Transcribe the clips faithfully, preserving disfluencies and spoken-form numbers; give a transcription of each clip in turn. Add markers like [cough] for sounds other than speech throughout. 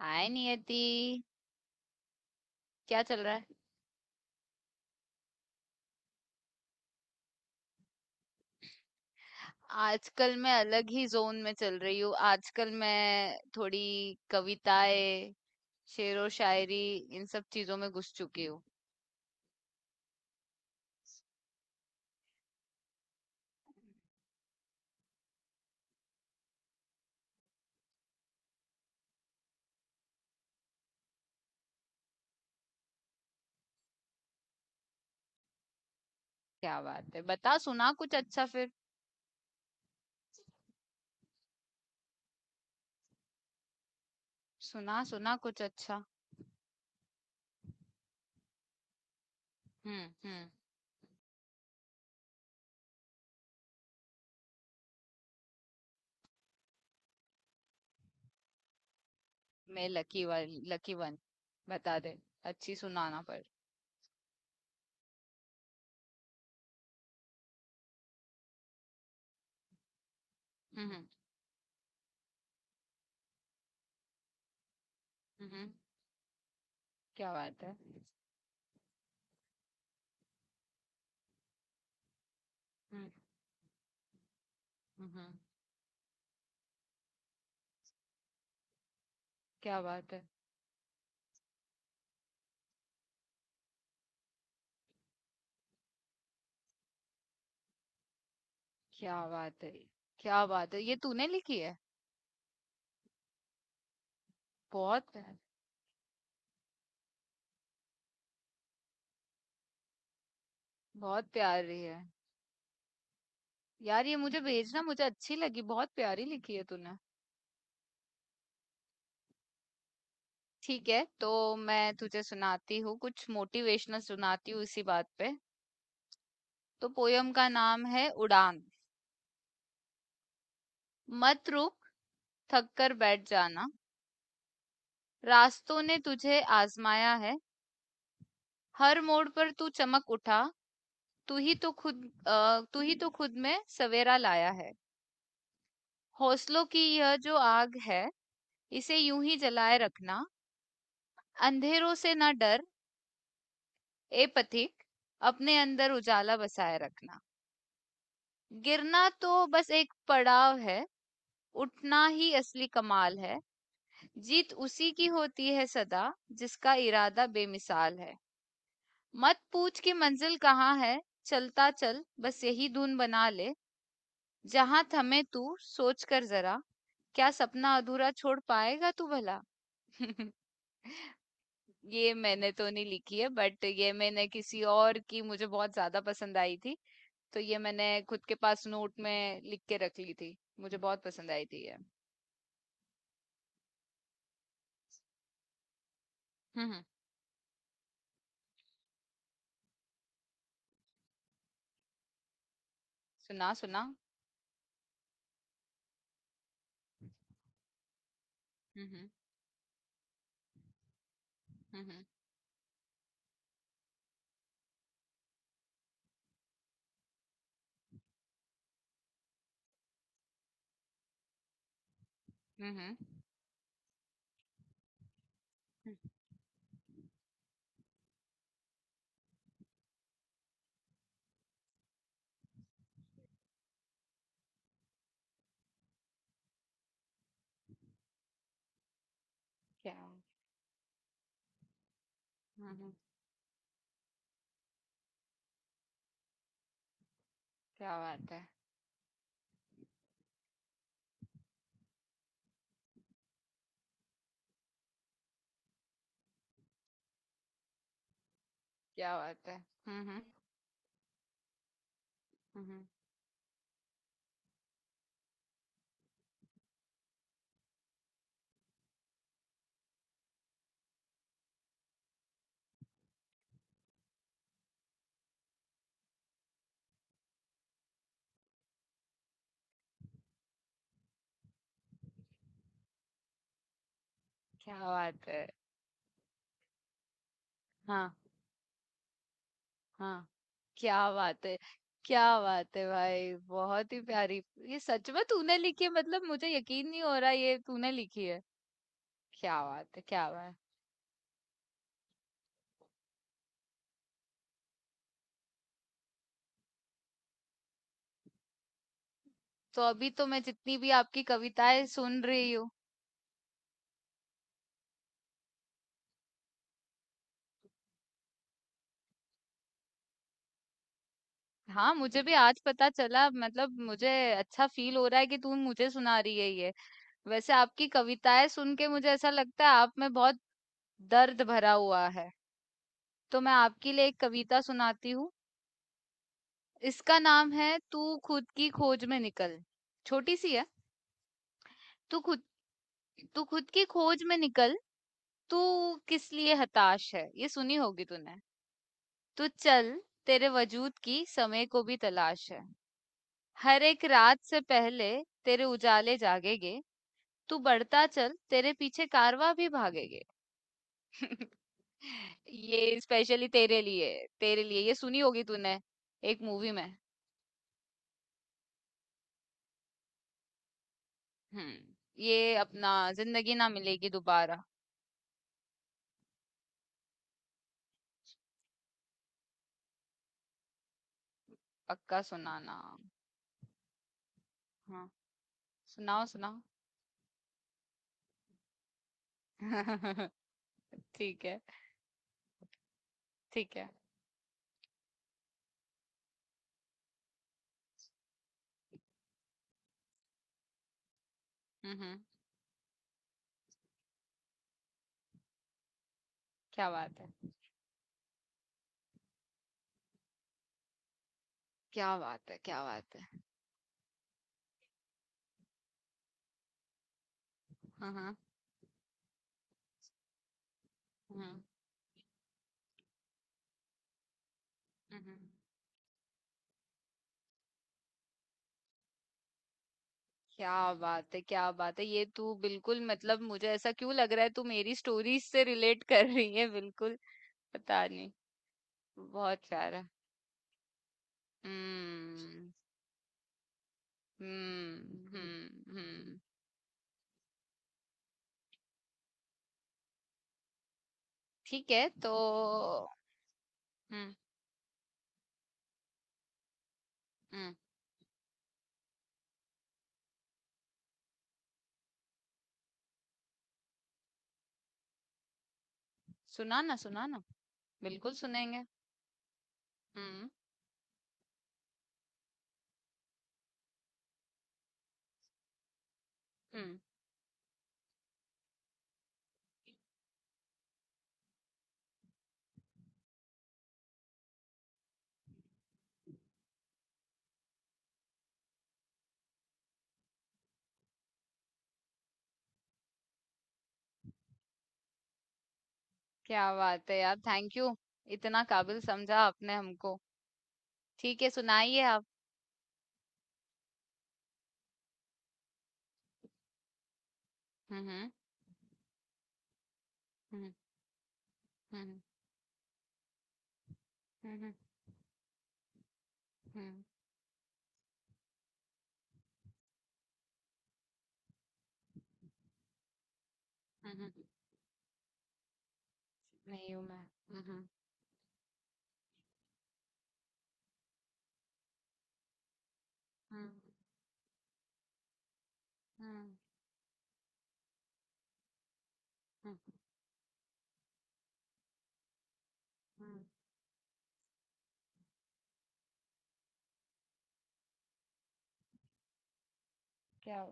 हाय नियति। क्या चल रहा है? आजकल मैं अलग ही जोन में चल रही हूँ। आजकल मैं थोड़ी कविताएं, शेरो शायरी, इन सब चीजों में घुस चुकी हूँ। क्या बात है! बता, सुना कुछ अच्छा फिर। सुना सुना कुछ अच्छा। हम्म हम्म। मैं लकी वाली, लकी वन। बता दे। अच्छी सुनाना पर। हम्म हम्म। हम्म, क्या बात है। हम्म हम्म। क्या बात है। क्या बात है। क्या बात है, ये तूने लिखी है? बहुत। बहुत प्यारी है यार। ये मुझे भेजना, मुझे अच्छी लगी, बहुत प्यारी लिखी है तूने। ठीक है, तो मैं तुझे सुनाती हूँ, कुछ मोटिवेशनल सुनाती हूँ इसी बात पे। तो पोयम का नाम है उड़ान। मत रुक, थक कर बैठ जाना। रास्तों ने तुझे आजमाया है। हर मोड़ पर तू चमक उठा। तू ही तो खुद अ, तू ही तो खुद में सवेरा लाया है। हौसलों की यह जो आग है, इसे यूं ही जलाए रखना। अंधेरों से न डर ए पथिक, अपने अंदर उजाला बसाए रखना। गिरना तो बस एक पड़ाव है, उठना ही असली कमाल है। जीत उसी की होती है सदा, जिसका इरादा बेमिसाल है। मत पूछ कि मंजिल कहाँ है, चलता चल बस यही धुन बना ले। जहां थमे तू सोच कर जरा, क्या सपना अधूरा छोड़ पाएगा तू भला। [laughs] ये मैंने तो नहीं लिखी है, बट ये मैंने किसी और की, मुझे बहुत ज्यादा पसंद आई थी। तो ये मैंने खुद के पास नोट में लिख के रख ली थी, मुझे बहुत पसंद आई थी ये। हम्म। सुना सुना। हम्म हम्म। हम्म हम्म, क्या? हम्म, क्या बात है। क्या बात है। हम्म, हम्म, क्या बात है। हाँ हाँ। क्या बात है। क्या बात है भाई, बहुत ही प्यारी। ये सच में तूने लिखी है? मतलब मुझे यकीन नहीं हो रहा ये तूने लिखी है। क्या बात है, क्या बात है। तो अभी तो मैं जितनी भी आपकी कविताएं सुन रही हूँ। हाँ, मुझे भी आज पता चला, मतलब मुझे अच्छा फील हो रहा है कि तू मुझे सुना रही है ये। वैसे आपकी कविताएं सुन के मुझे ऐसा लगता है आप में बहुत दर्द भरा हुआ है। तो मैं आपके लिए एक कविता सुनाती हूँ। इसका नाम है, तू खुद की खोज में निकल। छोटी सी है। तू खुद तू खुद की खोज में निकल। तू किस लिए हताश है, ये सुनी होगी तूने। तू चल, तेरे वजूद की समय को भी तलाश है। हर एक रात से पहले तेरे उजाले जागेंगे। तू बढ़ता चल, तेरे पीछे कारवां भी भागेंगे। [laughs] ये स्पेशली तेरे लिए। तेरे लिए, ये सुनी होगी तूने, एक मूवी में। हम्म। ये अपना, जिंदगी ना मिलेगी दोबारा। पक्का सुनाना। हाँ, सुनाओ सुनाओ। [laughs] ठीक है, ठीक है। हम्म हम्म, क्या बात है। क्या बात है, क्या बात है। हाँ हाँ। हम्म हम्म। क्या बात है, क्या बात है, ये तू बिल्कुल, मतलब मुझे ऐसा क्यों लग रहा है तू मेरी स्टोरीज से रिलेट कर रही है बिल्कुल। पता नहीं। बहुत प्यारा। हम्म हम्म हम्म। हम्म। ठीक है तो। हम्म हम्म। सुना ना, सुना ना, बिल्कुल सुनेंगे। हम्म हम्म। क्या बात है यार, थैंक यू। इतना काबिल समझा आपने हमको। ठीक है, सुनाइए आप। हम्म हम्म हम्म। हम्म हम्म हम्म। हम्म, हम्म। नहीं हूं मैं। हम्म। हुँ, हुँ, हुँ, हुँ, क्या?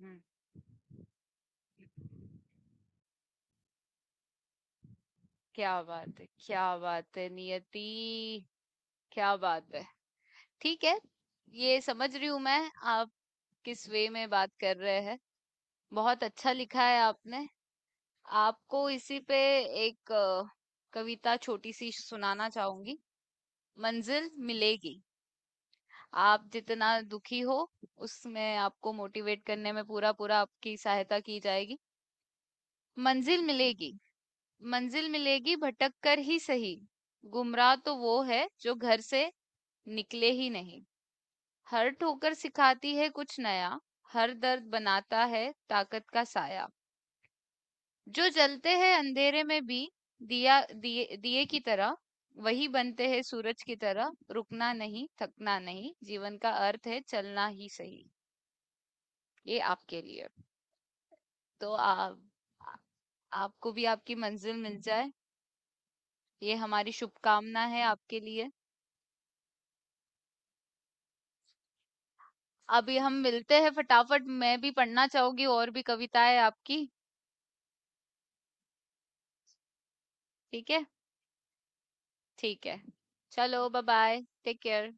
हुँ, क्या बात है। क्या बात है नियति। क्या बात है। ठीक है। ये समझ रही हूं मैं, आप किस वे में बात कर रहे हैं। बहुत अच्छा लिखा है आपने। आपको इसी पे एक अ, कविता छोटी सी सुनाना चाहूंगी। मंजिल मिलेगी। आप जितना दुखी हो, उसमें आपको मोटिवेट करने में पूरा पूरा आपकी सहायता की जाएगी। मंजिल मिलेगी। मंजिल मिलेगी भटक कर ही सही। गुमराह तो वो है जो घर से निकले ही नहीं। हर ठोकर सिखाती है कुछ नया। हर दर्द बनाता है ताकत का साया। जो जलते हैं अंधेरे में भी दिया दिए दिए की तरह, वही बनते हैं सूरज की तरह। रुकना नहीं, थकना नहीं, जीवन का अर्थ है चलना ही सही। ये आपके लिए। तो आप, आपको भी आपकी मंजिल मिल जाए, ये हमारी शुभकामना है आपके लिए। अभी हम मिलते हैं फटाफट, मैं भी पढ़ना चाहूंगी और भी कविताएं आपकी। ठीक है, ठीक है। चलो बाय बाय, टेक केयर।